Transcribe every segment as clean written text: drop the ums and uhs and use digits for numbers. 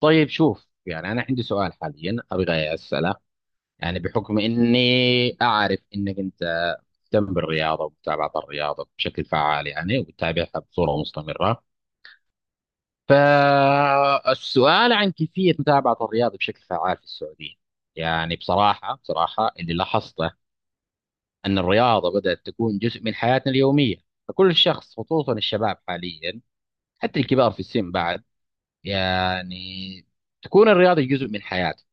طيب شوف يعني انا عندي سؤال حاليا ابغى اساله. يعني بحكم اني اعرف انك انت تهتم بالرياضه ومتابعه الرياضه بشكل فعال، يعني وتتابعها بصوره مستمره. فالسؤال عن كيفيه متابعه الرياضه بشكل فعال في السعوديه. يعني بصراحه اللي لاحظته ان الرياضه بدات تكون جزء من حياتنا اليوميه. فكل شخص خصوصا الشباب حاليا، حتى الكبار في السن بعد. يعني تكون الرياضة جزء من حياته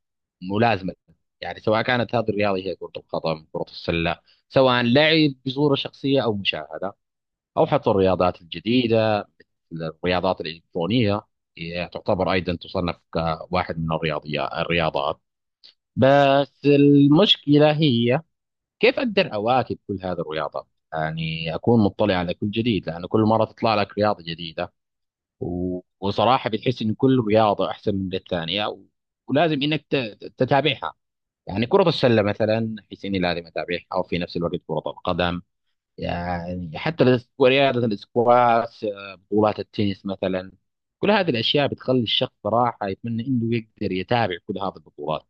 ملازمة. يعني سواء كانت هذه الرياضة هي كرة القدم، كرة السلة، سواء لعب بصورة شخصية أو مشاهدة، أو حتى الرياضات الجديدة، الرياضات الإلكترونية، هي تعتبر أيضا تصنف كواحد من الرياضيات الرياضات. بس المشكلة هي كيف أقدر أواكب كل هذه الرياضات؟ يعني أكون مطلع على كل جديد، لأن كل مرة تطلع لك رياضة جديدة، وصراحة بتحس إن كل رياضة أحسن من الثانية، ولازم إنك تتابعها. يعني كرة السلة مثلا أحس إني لازم أتابعها، أو في نفس الوقت كرة القدم. يعني حتى رياضة الاسكواش، بطولات التنس مثلا. كل هذه الأشياء بتخلي الشخص صراحة يتمنى إنه يقدر يتابع كل هذه البطولات.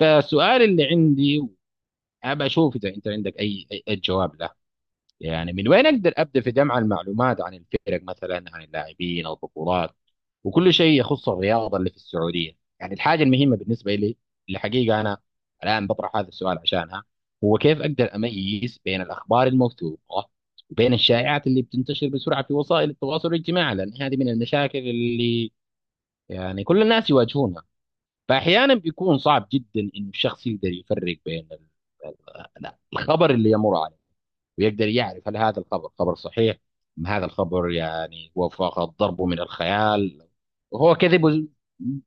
فالسؤال اللي عندي، أبى أشوف إذا أنت عندك أي جواب، يعني من وين اقدر ابدا في جمع المعلومات عن الفرق مثلا، عن اللاعبين، البطولات، وكل شيء يخص الرياضه اللي في السعوديه. يعني الحاجه المهمه بالنسبه لي، اللي حقيقه انا الان بطرح هذا السؤال عشانها، هو كيف اقدر اميز بين الاخبار الموثوقه وبين الشائعات اللي بتنتشر بسرعه في وسائل التواصل الاجتماعي، لان هذه من المشاكل اللي يعني كل الناس يواجهونها. فاحيانا بيكون صعب جدا انه الشخص يقدر يفرق بين الخبر اللي يمر عليه، ويقدر يعرف هل هذا الخبر خبر صحيح، ام هذا الخبر يعني هو فقط ضربه من الخيال وهو كذب،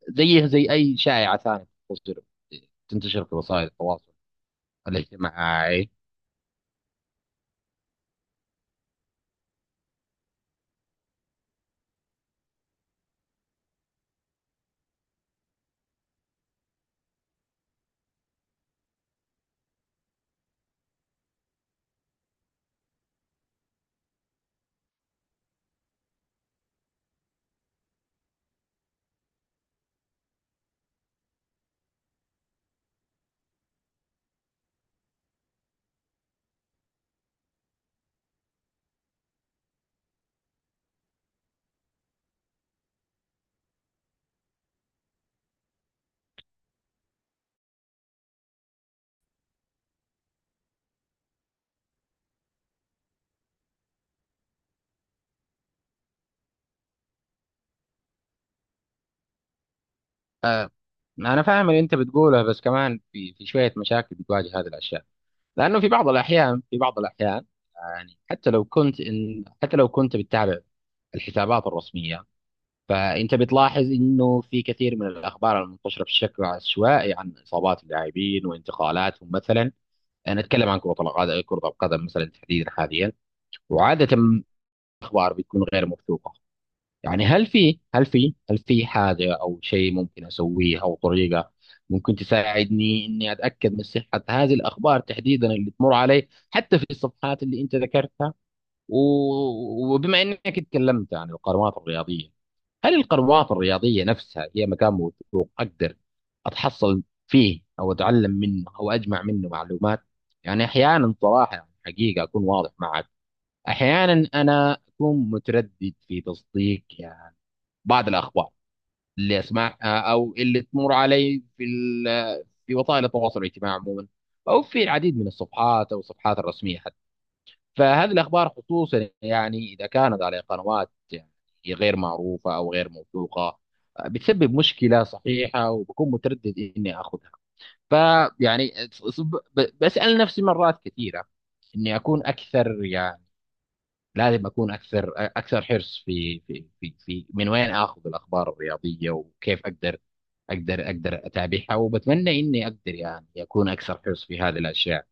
زيه زي اي شائعه ثانيه تنتشر في وسائل التواصل الاجتماعي. انا فاهم اللي انت بتقوله، بس كمان في شويه مشاكل بتواجه هذه الاشياء. لانه في بعض الاحيان يعني حتى لو كنت بتتابع الحسابات الرسميه، فانت بتلاحظ انه في كثير من الاخبار المنتشره بشكل عشوائي عن اصابات اللاعبين وانتقالاتهم مثلا. انا اتكلم عن كره القدم، كره القدم مثلا تحديدا حاليا. وعاده الاخبار بتكون غير موثوقه. يعني هل في حاجه او شيء ممكن اسويه او طريقه ممكن تساعدني اني اتاكد من صحه هذه الاخبار تحديدا اللي تمر علي، حتى في الصفحات اللي انت ذكرتها. وبما انك اتكلمت عن القنوات الرياضيه، هل القنوات الرياضيه نفسها هي مكان موثوق اقدر اتحصل فيه او اتعلم منه او اجمع منه معلومات؟ يعني احيانا صراحه حقيقه اكون واضح معك، احيانا انا اكون متردد في تصديق يعني بعض الاخبار اللي اسمعها او اللي تمر علي في في وسائل التواصل الاجتماعي عموما، او في العديد من الصفحات او الصفحات الرسميه. فهذه الأخبار خصوصا يعني إذا كانت على قنوات يعني غير معروفة أو غير موثوقة، بتسبب مشكلة صحيحة، وبكون متردد إني أخذها. فيعني بسأل نفسي مرات كثيرة إني أكون أكثر، يعني لازم أكون أكثر حرص في من وين آخذ الأخبار الرياضية، وكيف أقدر أقدر أتابعها. وبتمنى إني أقدر، يعني أكون أكثر حرص في هذه الأشياء.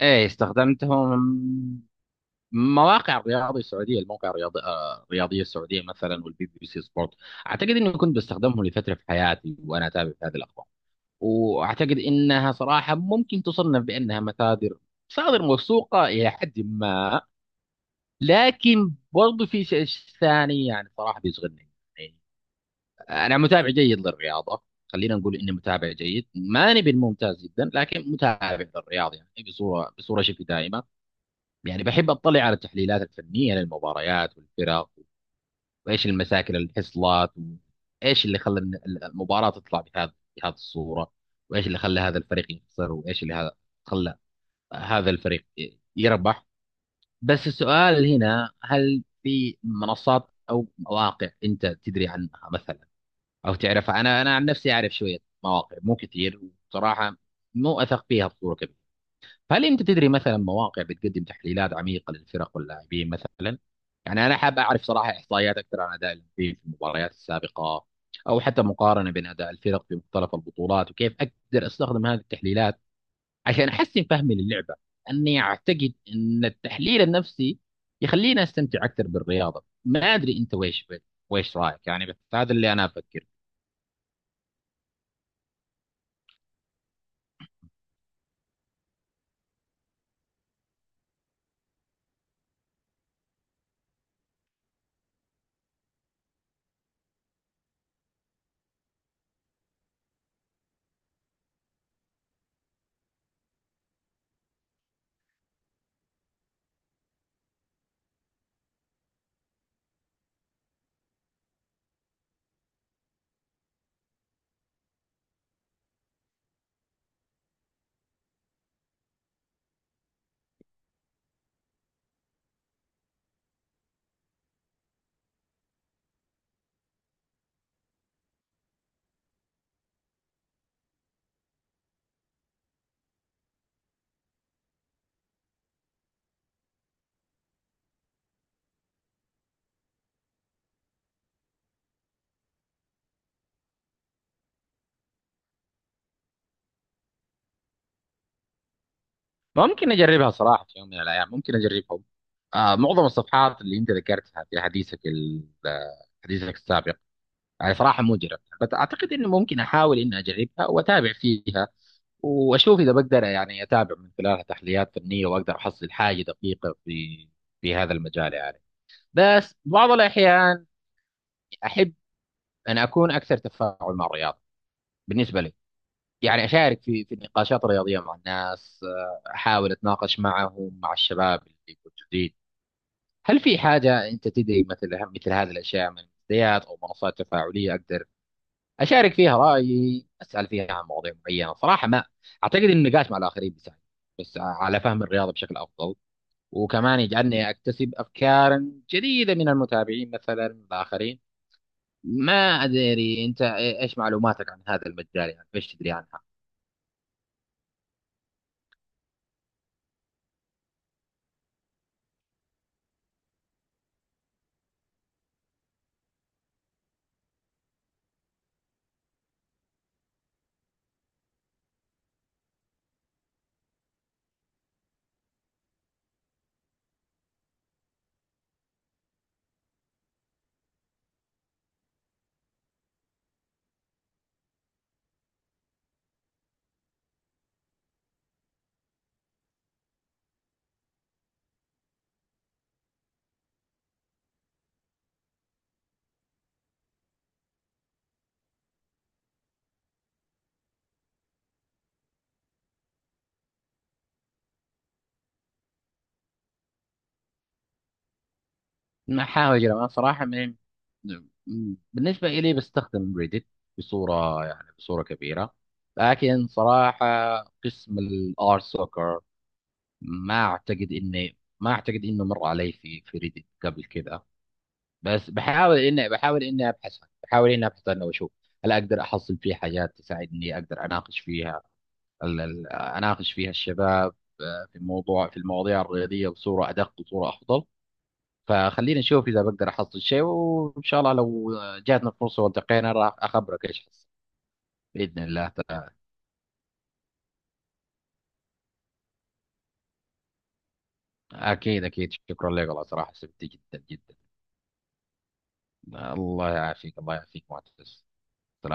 إيه، استخدمتهم. مواقع رياضي سعوديه، الموقع الرياضي، الرياضيه السعوديه مثلا، والبي بي سي سبورت. اعتقد اني كنت بستخدمهم لفتره في حياتي وانا اتابع في هذه الاخبار. واعتقد انها صراحه ممكن تصنف بانها مصادر موثوقه الى حد ما. لكن برضو في شيء ثاني يعني صراحه بيشغلني. يعني انا متابع جيد للرياضه، خلينا نقول اني متابع جيد ماني بالممتاز جدا، لكن متابع للرياضه يعني بصوره شبه دائمه. يعني بحب اطلع على التحليلات الفنيه للمباريات والفرق، وايش المشاكل اللي حصلت، وايش اللي خلى المباراه تطلع بهذه الصوره، وايش اللي خلى هذا الفريق يخسر، وايش اللي هذا خلى هذا الفريق يربح. بس السؤال هنا، هل في منصات او مواقع انت تدري عنها مثلا او تعرفها؟ انا عن نفسي اعرف شويه مواقع مو كثير، وصراحه مو اثق فيها بصوره كبيره. فهل انت تدري مثلا مواقع بتقدم تحليلات عميقه للفرق واللاعبين مثلا؟ يعني انا حاب اعرف صراحه احصائيات اكثر عن اداء اللاعبين في المباريات السابقه، او حتى مقارنه بين اداء الفرق في مختلف البطولات، وكيف اقدر استخدم هذه التحليلات عشان احسن فهمي للعبه. اني اعتقد ان التحليل النفسي يخليني استمتع اكثر بالرياضه. ما ادري انت ويش، رايك؟ يعني بس هذا اللي انا افكر. ممكن اجربها صراحه في يوم من الايام، ممكن اجربهم. آه، معظم الصفحات اللي انت ذكرتها في حديثك حديثك السابق، يعني صراحه مو جربتها، بس اعتقد انه ممكن احاول اني اجربها واتابع فيها واشوف اذا بقدر يعني اتابع من خلالها تحليلات فنيه، واقدر احصل حاجه دقيقه في هذا المجال يعني. بس بعض الاحيان احب ان اكون اكثر تفاعل مع الرياضه بالنسبه لي. يعني اشارك في النقاشات الرياضيه مع الناس، احاول اتناقش معهم مع الشباب اللي موجودين. هل في حاجة أنت تدري مثل هذه الأشياء من منتديات أو منصات تفاعلية أقدر أشارك فيها رأيي، أسأل فيها عن مواضيع معينة؟ صراحة ما أعتقد إن النقاش مع الآخرين بيساعد بس على فهم الرياضة بشكل أفضل، وكمان يجعلني أكتسب أفكارا جديدة من المتابعين مثلا، من الآخرين. ما أدري أنت إيش معلوماتك عن هذا المجال، يعني إيش تدري عنها؟ ما احاول اجرب انا صراحه من، بالنسبه الي بستخدم ريدت بصوره، يعني بصوره كبيره. لكن صراحه قسم الار سوكر، ما اعتقد انه مر علي في ريدت قبل كذا. بس بحاول اني ابحث عنها واشوف هل اقدر احصل فيه حاجات تساعدني اقدر اناقش فيها، اناقش فيها الشباب، في المواضيع الرياضيه بصوره ادق وصوره افضل. فخلينا نشوف اذا بقدر احصل شيء، وان شاء الله لو جاتنا فرصه والتقينا راح اخبرك ايش حصل، باذن الله تعالى. اكيد، اكيد، شكرا لك والله، صراحه سبتي جدا جدا. الله يعافيك، الله يعافيك معتز.